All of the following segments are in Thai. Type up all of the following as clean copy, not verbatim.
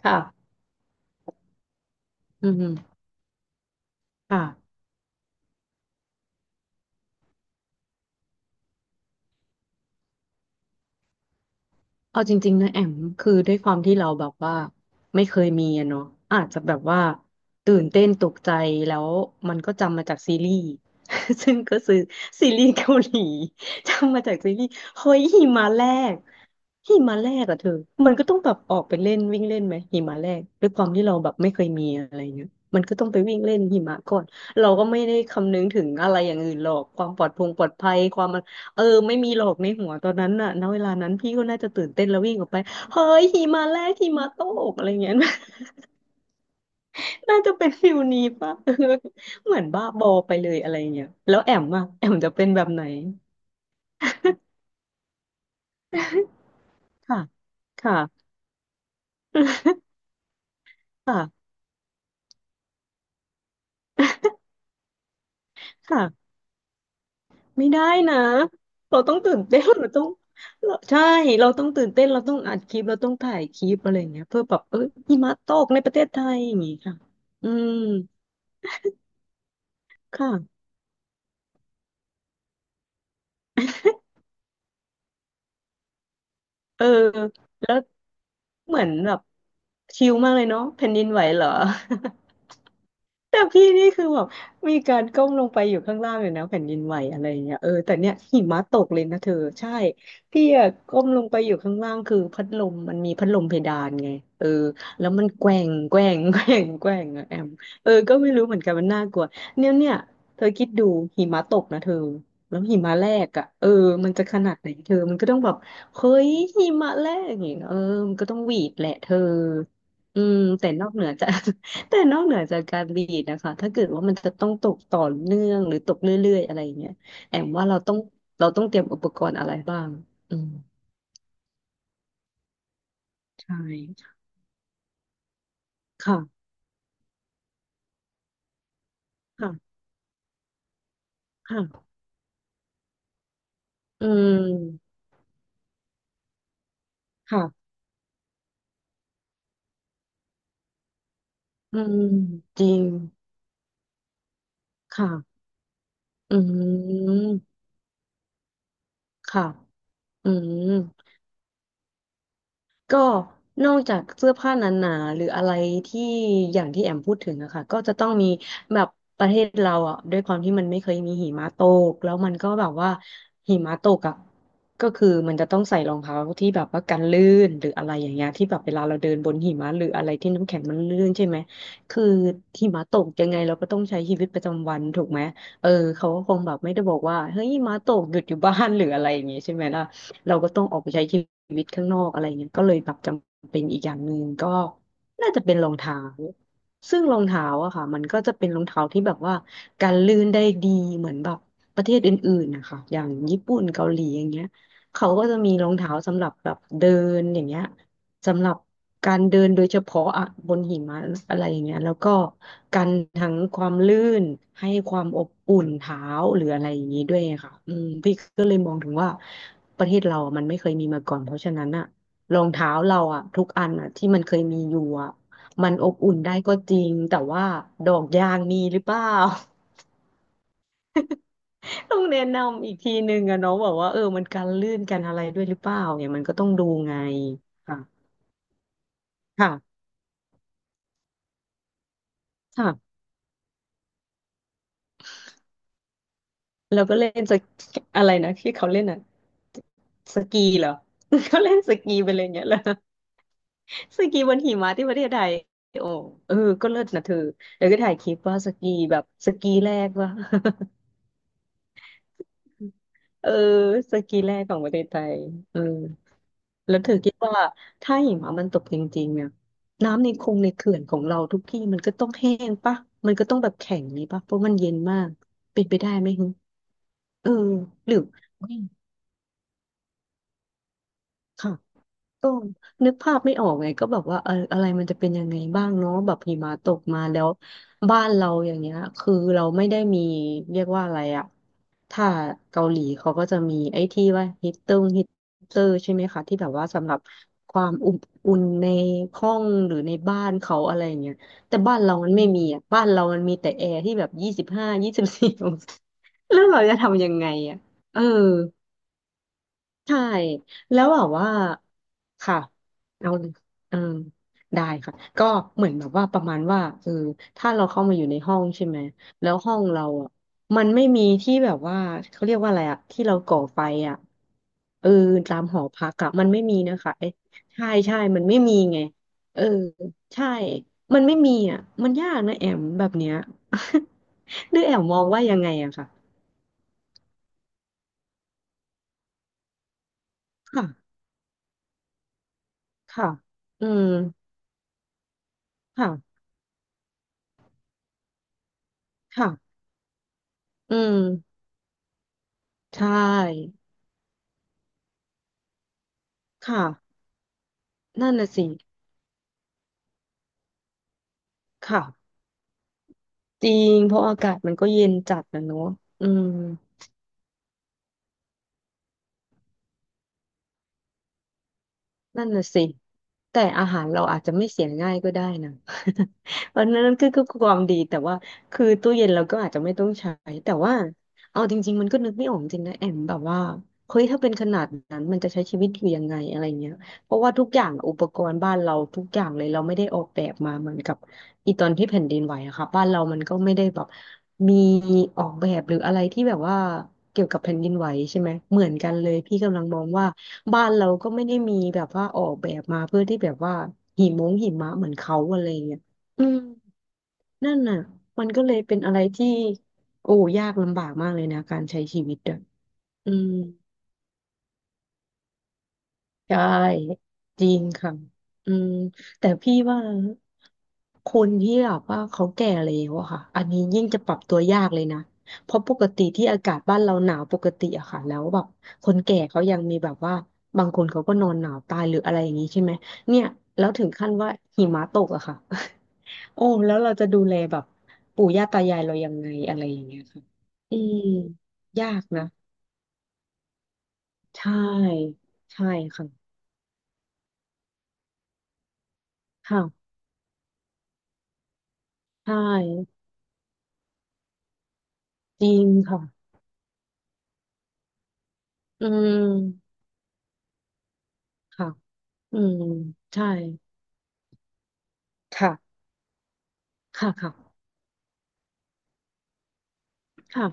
ค่ะอืมค่ะ เอาจริงๆนะแอมคือด้วยความที่เราแบบว่าไม่เคยมีอะเนาะอาจจะแบบว่าตื่นเต้นตกใจแล้วมันก็จำมาจากซีรีส์ ซึ่งก็คือซีรีส์เกาหลี จำมาจากซีรีส์เฮ้ยหิมะแรกหิมะแรกอะเธอมันก็ต้องแบบออกไปเล่นวิ่งเล่นไหมหิมะแรกด้วยความที่เราแบบไม่เคยมีอะไรเงี้ยมันก็ต้องไปวิ่งเล่นหิมะก่อนเราก็ไม่ได้คำนึงถึงอะไรอย่างอื่นหรอกความปลอดภัยความ เออไม่มีหรอกในหัวตอนนั้นน่ะณเวลานั้นพี่ก็น่าจะตื่นเต้นแล้ววิ่งออกไปเฮ้ยหิมะแรกหิมะตกอะไรเงี้ย น่าจะเป็นฟิลนี้ป่ะ เออเหมือนบ้าบอไปเลยอะไรเงี้ยแล้วแอมอะแอมจะเป็นแบบไหนค่ะค่ะค่ะค่ะไม่ได้นะเราต้องตื่นเต้น เราต้องเราใช่เราต้องตื่นเต้นเราต้องอัดคลิปเราต้องถ่ายคลิปอะไรอย่างเงี้ยเพื่อแบบเออหิมะตกในประเทศไทยอย่างงี้ค่ะอืมค่ะเออแล้ว เหมือนแบบชิลมากเลยเนาะแผ่นดินไหวเหรอ แต่พี่นี่คือแบบมีการก้มลงไปอยู่ข้างล่างอยู่นะแผ่นดินไหวอะไรอย่างเงี้ยเออแต่เนี่ยหิมะตกเลยนะเธอใช่พี่อะก้มลงไปอยู่ข้างล่างคือพัดลมมันมีพัดลมเพดานไงเออแล้วมันแกว่งแกว่งแกว่งแกว่งอะแอมเออก็ไม่รู้เหมือนกันมันน่ากลัวเนี่ยเนี่ยเธอคิดดูหิมะตกนะเธอแล้วหิมะแรกอะเออมันจะขนาดไหนเธอมันก็ต้องแบบเฮ้ยหิมะแรกอย่างเงี้ยเออมันก็ต้องหวีดแหละเธออืมแต่นอกเหนือจาก แต่นอกเหนือจากการบีดนะคะถ้าเกิดว่ามันจะต้องตกต่อเนื่องหรือตกเรื่อยๆอะไรอย่างเงี้ยแอมว่าเราต้องเตรียมอุปกรณ์อะไรบ้างอืมใช่ค่ะค่ะค่ะอืมค่ะอืมจริงค่ะอืมค่ะอืม ก็นอกจากเสื้อผ้าหนาๆหรืออะไรที่อย่างที่แอมพูดถึงอะค่ะก็จะต้องมีแบบประเทศเราอะด้วยความที่มันไม่เคยมีหิมะตกแล้วมันก็แบบว่าหิมะตกอะก็คือมันจะต้องใส่รองเท้าที่แบบว่ากันลื่นหรืออะไรอย่างเงี้ยที่แบบเวลาเราเดินบนหิมะหรืออะไรที่น้ำแข็งมันลื่นใช่ไหมคือหิมะตกยังไงเราก็ต้องใช้ชีวิตประจำวันถูกไหมเออเขาก็คงแบบไม่ได้บอกว่าเฮ้ยหิมะตกหยุดอยู่บ้านหรืออะไรอย่างเงี้ยใช่ไหมล่ะ เราก็ต้องออกไปใช้ชีวิตข้างนอกอะไรเงี้ยก็เลยแบบจำเป็นอีกอย่างหนึ่งก็น่าจะเป็นรองเท้าซึ่งรองเท้าอะค่ะมันก็จะเป็นรองเท้าที่แบบว่าการลื่นได้ดีเหมือนแบบประเทศอื่นๆนะคะอย่างญี่ปุ่นเกาหลีอย่างเงี้ยเขาก็จะมีรองเท้าสำหรับแบบเดินอย่างเงี้ย สำหรับการเดินโดยเฉพาะอะบนหิมะอะไรอย่างเงี้ยแล้วก็กันทั้งความลื่นให้ความอบอุ่นเท้าหรืออะไรอย่างงี้ด้วยค่ะอืมพี่ก็เลยมองถึงว่าประเทศเราอะมันไม่เคยมีมาก่อนเพราะฉะนั้นอะรองเท้าเราอะทุกอันอะที่มันเคยมีอยู่อะมันอบอุ่นได้ก็จริงแต่ว่าดอกยางมีหรือเปล่า ต้องแนะนำอีกทีนึงอะเนาะบอกว่าเออมันกันลื่นกันอะไรด้วยหรือเปล่าเนี่ยมันก็ต้องดูไงค่ะค่ะ แล้วก็เล่นสกอะไรนะที่เขาเล่นอ่ะสกีเหรอ เขาเล่นสกีไปเลยอย่างเงี้ยเหรอ สกีบนหิมะที่ประเทศไทยโอ้เออก็เลิศนะเธอแล้วก็ถ่ายคลิปว่าสกีแบบสกีแรกว่า เออสกีแรกของประเทศไทยเออแล้วเธอคิดว่าถ้าหิมะมันตกจริงๆเนี่ยน้ำในคงในเขื่อนของเราทุกที่มันก็ต้องแห้งปะมันก็ต้องแบบแข็งนี้ปะเพราะมันเย็นมากเป็นไปได้ไหมฮึเออหรืออุ๊ยค่ะ ก็นึกภาพไม่ออกไงก็แบบว่าอะไรมันจะเป็นยังไงบ้างเนาะแบบหิมะตกมาแล้วบ้านเราอย่างเงี้ยคือเราไม่ได้มีเรียกว่าอะไรอะถ้าเกาหลีเขาก็จะมีไอ้ที่ว่าฮีตเตอร์ใช่ไหมคะที่แบบว่าสำหรับความอุ่นในห้องหรือในบ้านเขาอะไรอย่างเงี้ยแต่บ้านเรามันไม่มีอะบ้านเรามันมีแต่แอร์ที่แบบยี่สิบห้ายี่สิบสี่องศาแล้วเราจะทำยังไงอะเออ ใช่แล้วแบบว่าค่ะเอาเลยเออได้ค่ะก็เหมือนแบบว่าประมาณว่าเออถ้าเราเข้ามาอยู่ในห้องใช่ไหมแล้วห้องเราอ่ะมันไม่มีที่แบบว่าเขาเรียกว่าอะไรอ่ะที่เราก่อไฟอ่ะเออตามหอพักอ่ะมันไม่มีนะคะเอ๊ะใช่ใช่มันไม่มีไงเออใช่มันไม่มีอ่ะมันยากนะแอมแบบเนี้ย หรือแอมมองว่ายังไงอะค่ะค่ะค่ะอืมค่ะค่ะ อืมใช่ค่ะนั่นน่ะสิค่ะจริงเพราะอากาศมันก็เย็นจัดนะเนอะอืม นั่นน่ะสิแต่อาหารเราอาจจะไม่เสียง่ายก็ได้นะ เพราะนั้นคือความดีแต่ว่าคือตู้เย็นเราก็อาจจะไม่ต้องใช้แต่ว่าเอาจริงๆมันก็นึกไม่ออกจริงนะแอมแบบว่าเฮ้ยถ้าเป็นขนาดนั้นมันจะใช้ชีวิตอยู่ยังไงอะไรเงี้ยเพราะว่าทุกอย่างอุปกรณ์บ้านเราทุกอย่างเลยเราไม่ได้ออกแบบมาเหมือนกับอีตอนที่แผ่นดินไหวอะค่ะบ้านเรามันก็ไม่ได้แบบมีออกแบบหรืออะไรที่แบบว่าเกี่ยวกับแผ่นดินไหวใช่ไหมเหมือนกันเลยพี่กำลังมองว่า บ้านเราก็ไม่ได้มีแบบว่าออกแบบมาเพื่อที่แบบว่าหิมะเหมือนเขาอะไรอย่างเงี้ยอืมนั่นน่ะมันก็เลยเป็นอะไรที่โอ้ยากลำบากมากเลยนะการใช้ชีวิตอ่ะอืม ใช่จริงค่ะอืมแต่พี่ว่าคนที่แบบว่าเขาแก่แล้วอะค่ะอันนี้ยิ่งจะปรับตัวยากเลยนะเพราะปกติที่อากาศบ้านเราหนาวปกติอะค่ะแล้วแบบคนแก่เขายังมีแบบว่าบางคนเขาก็นอนหนาวตายหรืออะไรอย่างนี้ใช่ไหมเนี่ยแล้วถึงขั้นว่าหิมะตกอะค่ะ โอ้แล้วเราจะดูแลแบบปู่ย่าตายายเรายังไงอะไรอย่างเงี้ยค่ะอืมยากนะใช่ใช่ค่ะค่ะใช่ จริงค่ะ อืม ค่ะ อืมใช่ค่ะ ค่ะ ค่ะ ค่ะ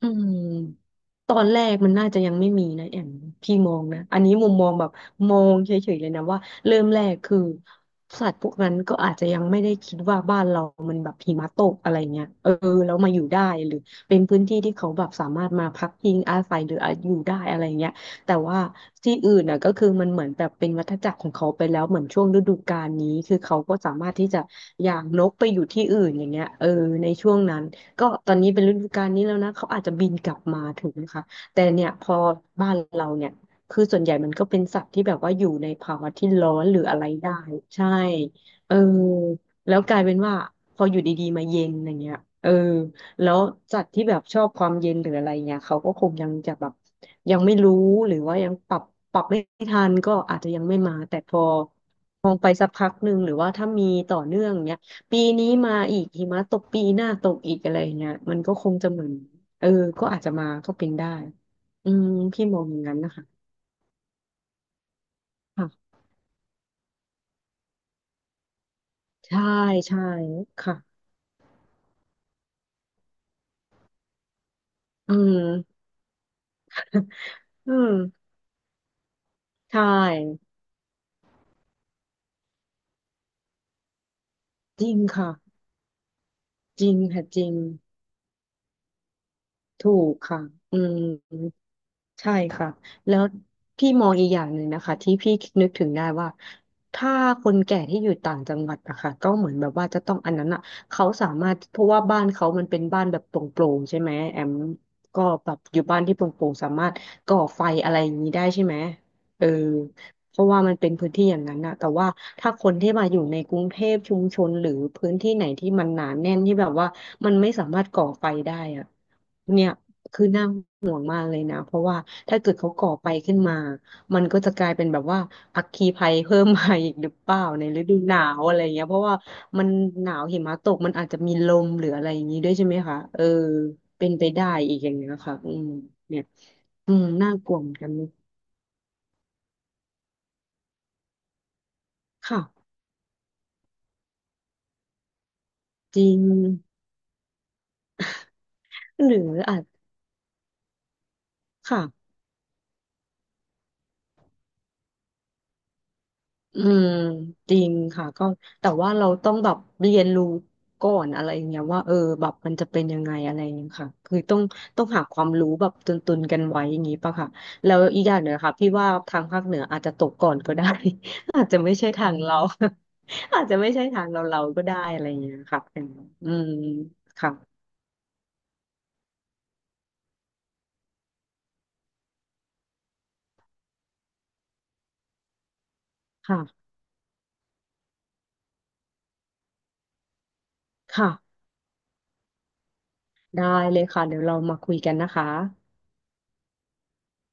อืมตอนแรกมันน่าจะยังไม่มีนะแอมพี่มองนะอันนี้มุมมองแบบมองเฉยๆเลยนะว่าเริ่มแรกคือสัตว์พวกนั้นก็อาจจะยังไม่ได้คิดว่าบ้านเรามันแบบหิมะตกอะไรเงี้ยเออแล้วมาอยู่ได้หรือเป็นพื้นที่ที่เขาแบบสามารถมาพักพิงอาศัยหรืออาจอยู่ได้อะไรเงี้ยแต่ว่าที่อื่นน่ะก็คือมันเหมือนแบบเป็นวัฏจักรของเขาไปแล้วเหมือนช่วงฤดูกาลนี้คือเขาก็สามารถที่จะย้ายนกไปอยู่ที่อื่นอย่างเงี้ยเออในช่วงนั้น ก็ตอนนี้เป็นฤดูกาลนี้แล้วนะเขาอาจจะบินกลับมาถึงนะคะแต่เนี่ยพอบ้านเราเนี่ยคือส่วนใหญ่มันก็เป็นสัตว์ที่แบบว่าอยู่ในภาวะที่ร้อนหรืออะไรได้ใช่เออแล้วกลายเป็นว่าพออยู่ดีๆมาเย็นอย่างเงี้ยเออแล้วสัตว์ที่แบบชอบความเย็นหรืออะไรเงี้ยเขาก็คงยังจะแบบยังไม่รู้หรือว่ายังปรับไม่ทันก็อาจจะยังไม่มาแต่พอ ไปสักพักหนึ่งหรือว่าถ้ามีต่อเนื่องเนี้ยปีนี้มาอีกหิมะตกปีหน้าตกอีกอะไรเงี้ยมันก็คงจะเหมือนเออก็อาจจะมาก็เป็นได้อืมพี่มองอย่างนั้นนะคะค่ะใช่ใช่ค่ะอืมอืมใช่จริงค่ะจริงค่ะจริงถูกค่ะอืม ใช่ค่ะแล้วพี่มองอีกอย่างหนึ่งนะคะที่พี่นึกถึงได้ว่าถ้าคนแก่ที่อยู่ต่างจังหวัดอะค่ะก็เหมือนแบบว่าจะต้องอันนั้นอะเขาสามารถเพราะว่าบ้านเขามันเป็นบ้านแบบโปร่งๆใช่ไหมแอมก็แบบอยู่บ้านที่โปร่งๆสามารถก่อไฟอะไรอย่างนี้ได้ใช่ไหมเออเพราะว่ามันเป็นพื้นที่อย่างนั้นนะแต่ว่าถ้าคนที่มาอยู่ในกรุงเทพชุมชนหรือพื้นที่ไหนที่มันหนาแน่นที่แบบว่ามันไม่สามารถก่อไฟได้อะเนี่ยคือนั่ง บ้านเลยนะเพราะว่าถ้าเกิดเขาก่อไปขึ้นมามันก็จะกลายเป็นแบบว่าอัคคีภัยเพิ่มมาอีกหรือเปล่าในฤดูหนาวอะไรเงี้ยเพราะว่ามันหนาวหิมะตกมันอาจจะมีลมหรืออะไรอย่างนี้ด้วยใช่ไหมคะเออเป็นไปได้อีกอย่างเงี้ยค่ะอืมเนี่ยอืมน่ากลัวเหมือนกันค่ะจริงหรืออาจค่ะ อืมจริงค่ะก็แต่ว่าเราต้องแบบเรียนรู้ก่อนอะไรอย่างเงี้ยว่าเออแบบมันจะเป็นยังไงอะไรอย่างเงี้ยค่ะคือต้องต้องหาความรู้แบบตุนกันไว้อย่างงี้ป่ะค่ะแล้วอีกอย่างหนึ่งค่ะพี่ว่าทางภาคเหนืออาจจะตกก่อนก็ได้ อาจจะไม่ใช่ทางเรา อาจจะไม่ใช่ทางเราก็ได้อะไรอย่างเงี้ยค่ะอืมค่ะค่ะค่ะได้เลยค่ะเดี๋ยวเรามาคุยกันนะคะ